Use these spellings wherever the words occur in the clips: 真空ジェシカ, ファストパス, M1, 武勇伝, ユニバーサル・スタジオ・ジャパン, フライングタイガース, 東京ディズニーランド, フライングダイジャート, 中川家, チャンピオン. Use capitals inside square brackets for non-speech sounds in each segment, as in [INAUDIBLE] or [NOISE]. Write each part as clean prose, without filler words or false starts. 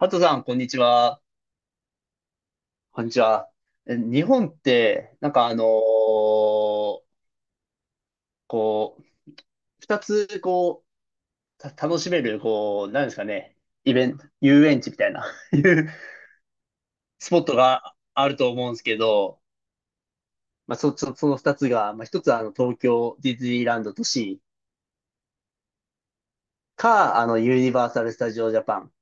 ハトさん、こんにちは。こんにちは。日本って、こう、二つ、楽しめる、なんですかね、イベント、遊園地みたいな、[LAUGHS] いうスポットがあると思うんですけど、まあ、その二つが、まあ、一つは東京ディズニーランド都市か、あの、ユニバーサル・スタジオ・ジャパン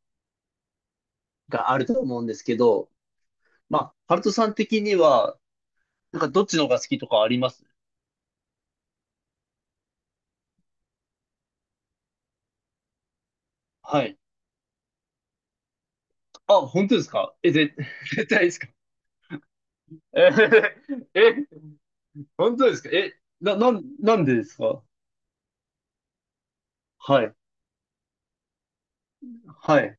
があると思うんですけど、まあ、ハルトさん的には、なんかどっちの方が好きとかあります？はい。あ、本当ですか？[LAUGHS] 絶対ですか？え、[LAUGHS] え、本当ですか？え、な、なん、なんでですか？はい、はい、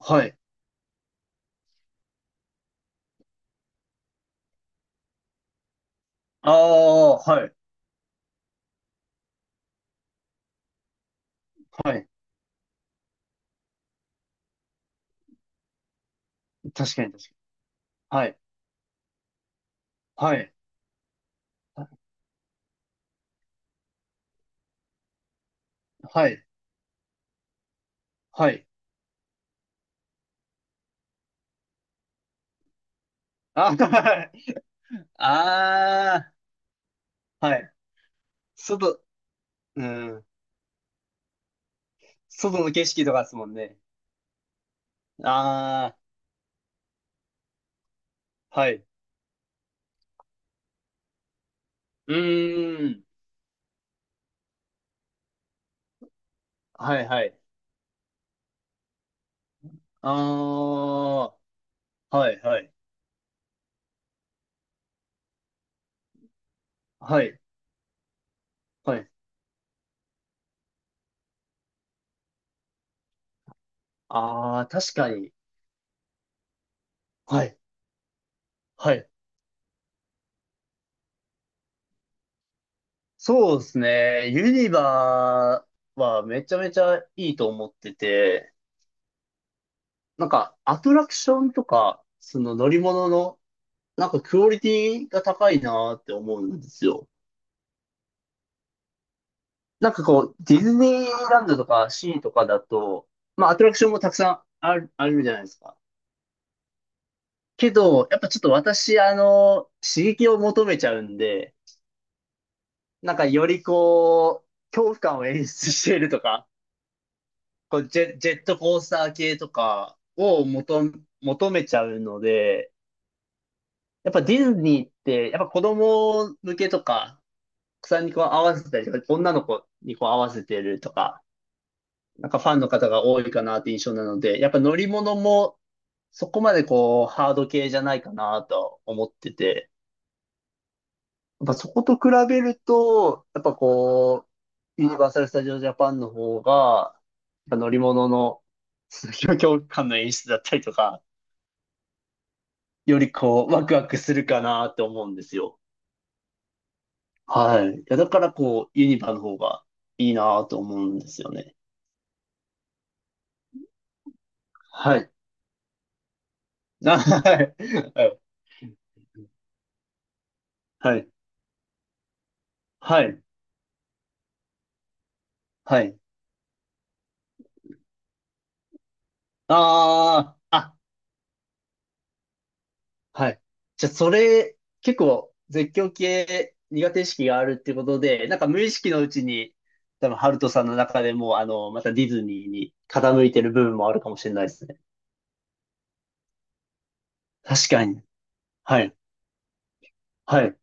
はい。ああ、はい、はい。確かに確かに。はい、はい、はい、はい。あ、はい。ああ、はい。外、うん。外の景色とかですもんね。ああ、はい。うーん。はいはい。ああ、はいはい。はい、はい。ああ、確かに。はいはい。そうですね。ユニバはめちゃめちゃいいと思ってて、なんかアトラクションとか、その乗り物の、なんかクオリティが高いなって思うんですよ。なんかこう、ディズニーランドとかシーとかだと、まあアトラクションもたくさんある、あるじゃないですか。けど、やっぱちょっと私、あの、刺激を求めちゃうんで、なんかよりこう、恐怖感を演出しているとか、こうジェットコースター系とかを求めちゃうので、やっぱディズニーって、やっぱ子供向けとか、草にこう合わせたりとか、女の子にこう合わせてるとか、なんかファンの方が多いかなって印象なので、やっぱ乗り物もそこまでこうハード系じゃないかなと思ってて、やっぱそこと比べると、やっぱこう、ユニバーサル・スタジオ・ジャパンの方が、やっぱ乗り物の [LAUGHS]、強強感の演出だったりとか、よりこう、ワクワクするかなって思うんですよ。はい。いや、だからこう、ユニバの方がいいなと思うんですよね。はい。あ、はい。はい。はい。はい。ああ、あ、はい。じゃあ、それ、結構、絶叫系苦手意識があるってことで、なんか無意識のうちに、多分、ハルトさんの中でも、あの、またディズニーに傾いてる部分もあるかもしれないですね。確かに。はい。はい。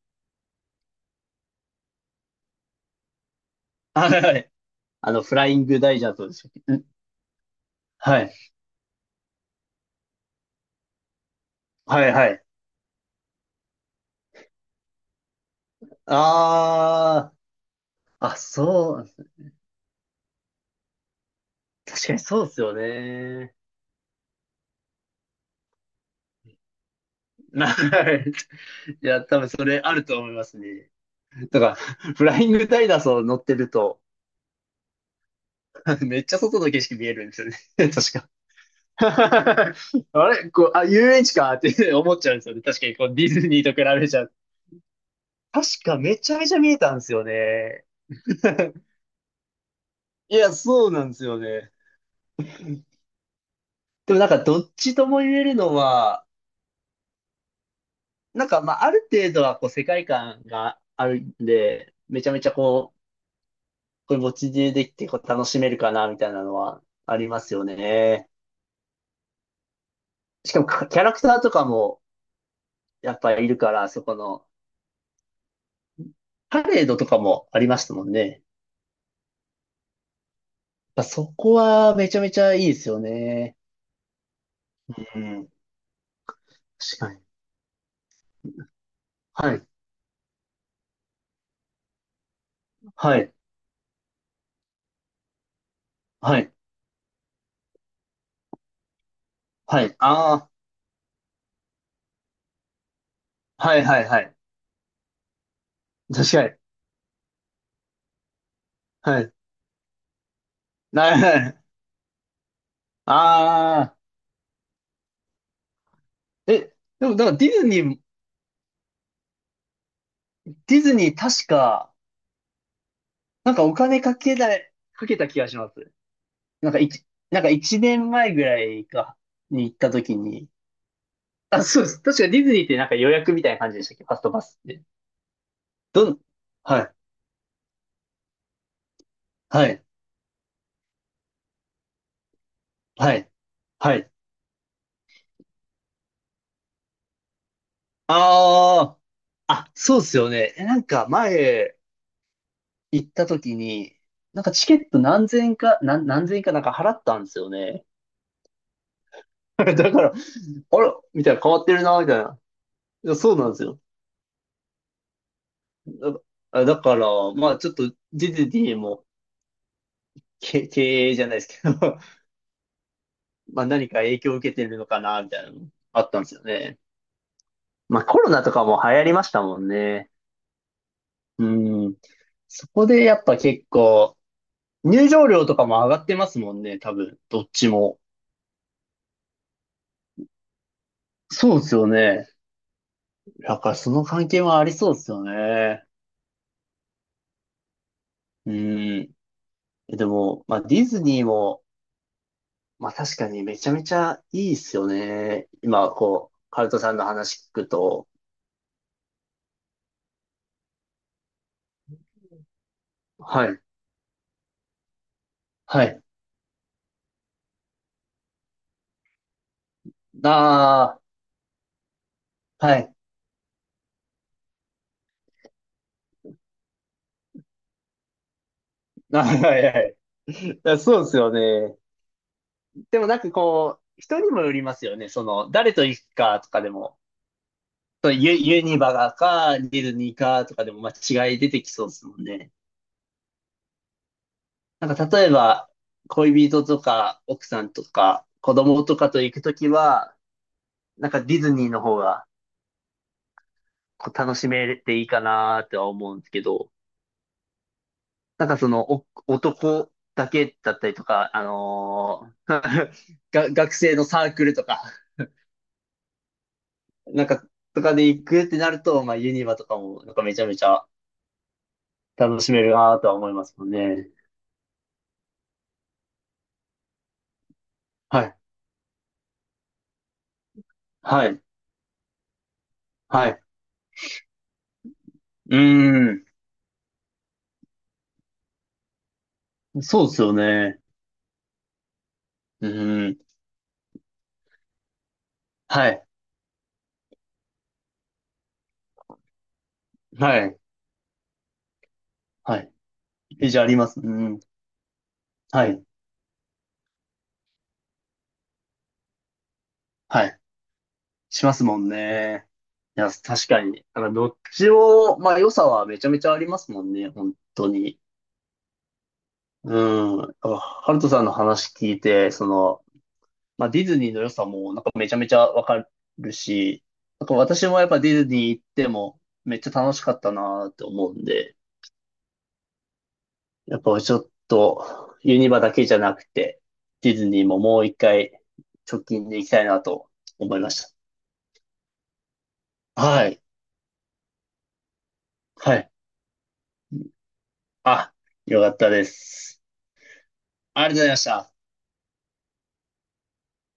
あ、はい。フライングダイジャートでしたっけ？ん、はい。はいはい。ああ、あ、そう、確かにそうですよね。はい。[LAUGHS] いや、多分それあると思いますね。だから、フライングタイガースを乗ってると、[LAUGHS] めっちゃ外の景色見えるんですよね。[LAUGHS] 確か。[LAUGHS] あれこう、あ、遊園地かって思っちゃうんですよね。確かにこうディズニーと比べちゃう。確かめちゃめちゃ見えたんですよね。[LAUGHS] いや、そうなんですよね。でもなんかどっちとも言えるのは、なんか、まあ、ある程度は、こう、世界観があるんで、めちゃめちゃ、こう、これ、ぼっちでできて、こう、楽しめるかな、みたいなのはありますよね。しかも、キャラクターとかも、やっぱりいるから、そこの、パレードとかもありましたもんね。やっぱそこは、めちゃめちゃいいですよね。うん。確かに。はい。はい。はい。はい。ああ。はい、はい、はい。確かに。はい。な [LAUGHS] ああ。え、でも、なんか、ディズニー、確か、なんかお金かけた、かけた気がします。なんか一、なんか一年前ぐらいか、に行った時に、あ、そうです。確かディズニーってなんか予約みたいな感じでしたっけ？ファストパスって。どん、はい、はい、はい、はい。ああ、あ、そうですよね。え、なんか前行った時に、なんかチケット何千円か、何千円かなんか払ったんですよね。[LAUGHS] だから、あら、みたいな変わってるな、みたいな。いや、そうなんですよ。だ、だから、まあちょっとディズニーも、[LAUGHS] 経営じゃないですけど [LAUGHS] まあ何か影響を受けてるのかな、みたいなのあったんですよね。まあコロナとかも流行りましたもんね。うん。そこでやっぱ結構、入場料とかも上がってますもんね、多分、どっちも。そうですよね。だからその関係はありそうですよね。うん。でも、まあディズニーも、まあ確かにめちゃめちゃいいですよね。今、こう、カルトさんの話聞くと。はい。はい。ああ、はい。[LAUGHS] あ、はいはい。いやそうですよね。でもなんかこう、人にもよりますよね。その、誰と行くかとかでも、ユニバガか、ディズニーかとかでも、まあ、違い出てきそうですもんね。なんか例えば、恋人とか、奥さんとか、子供とかと行くときは、なんかディズニーの方がこう楽しめていいかなっては思うんですけど、なんかその、男だけだったりとか、[LAUGHS] が学生のサークルとか、なんか、とかで行くってなると、まあ、ユニバとかも、なんかめちゃめちゃ楽しめるなとは思いますもんね。はい。はい。はい。うーん。そうですよね。うーん。はい。はい。はい。イじゃあります。うん。はい。はい。しますもんね。いや、確かに。あの、どっちを、まあ、良さはめちゃめちゃありますもんね。本当に。うん。ハルトさんの話聞いて、その、まあ、ディズニーの良さもなんかめちゃめちゃわかるし、なんか私もやっぱディズニー行ってもめっちゃ楽しかったなって思うんで、やっぱちょっとユニバだけじゃなくて、ディズニーももう一回直近で行きたいなと思いました。はい。はい。あ、よかったです。ありがとうございました。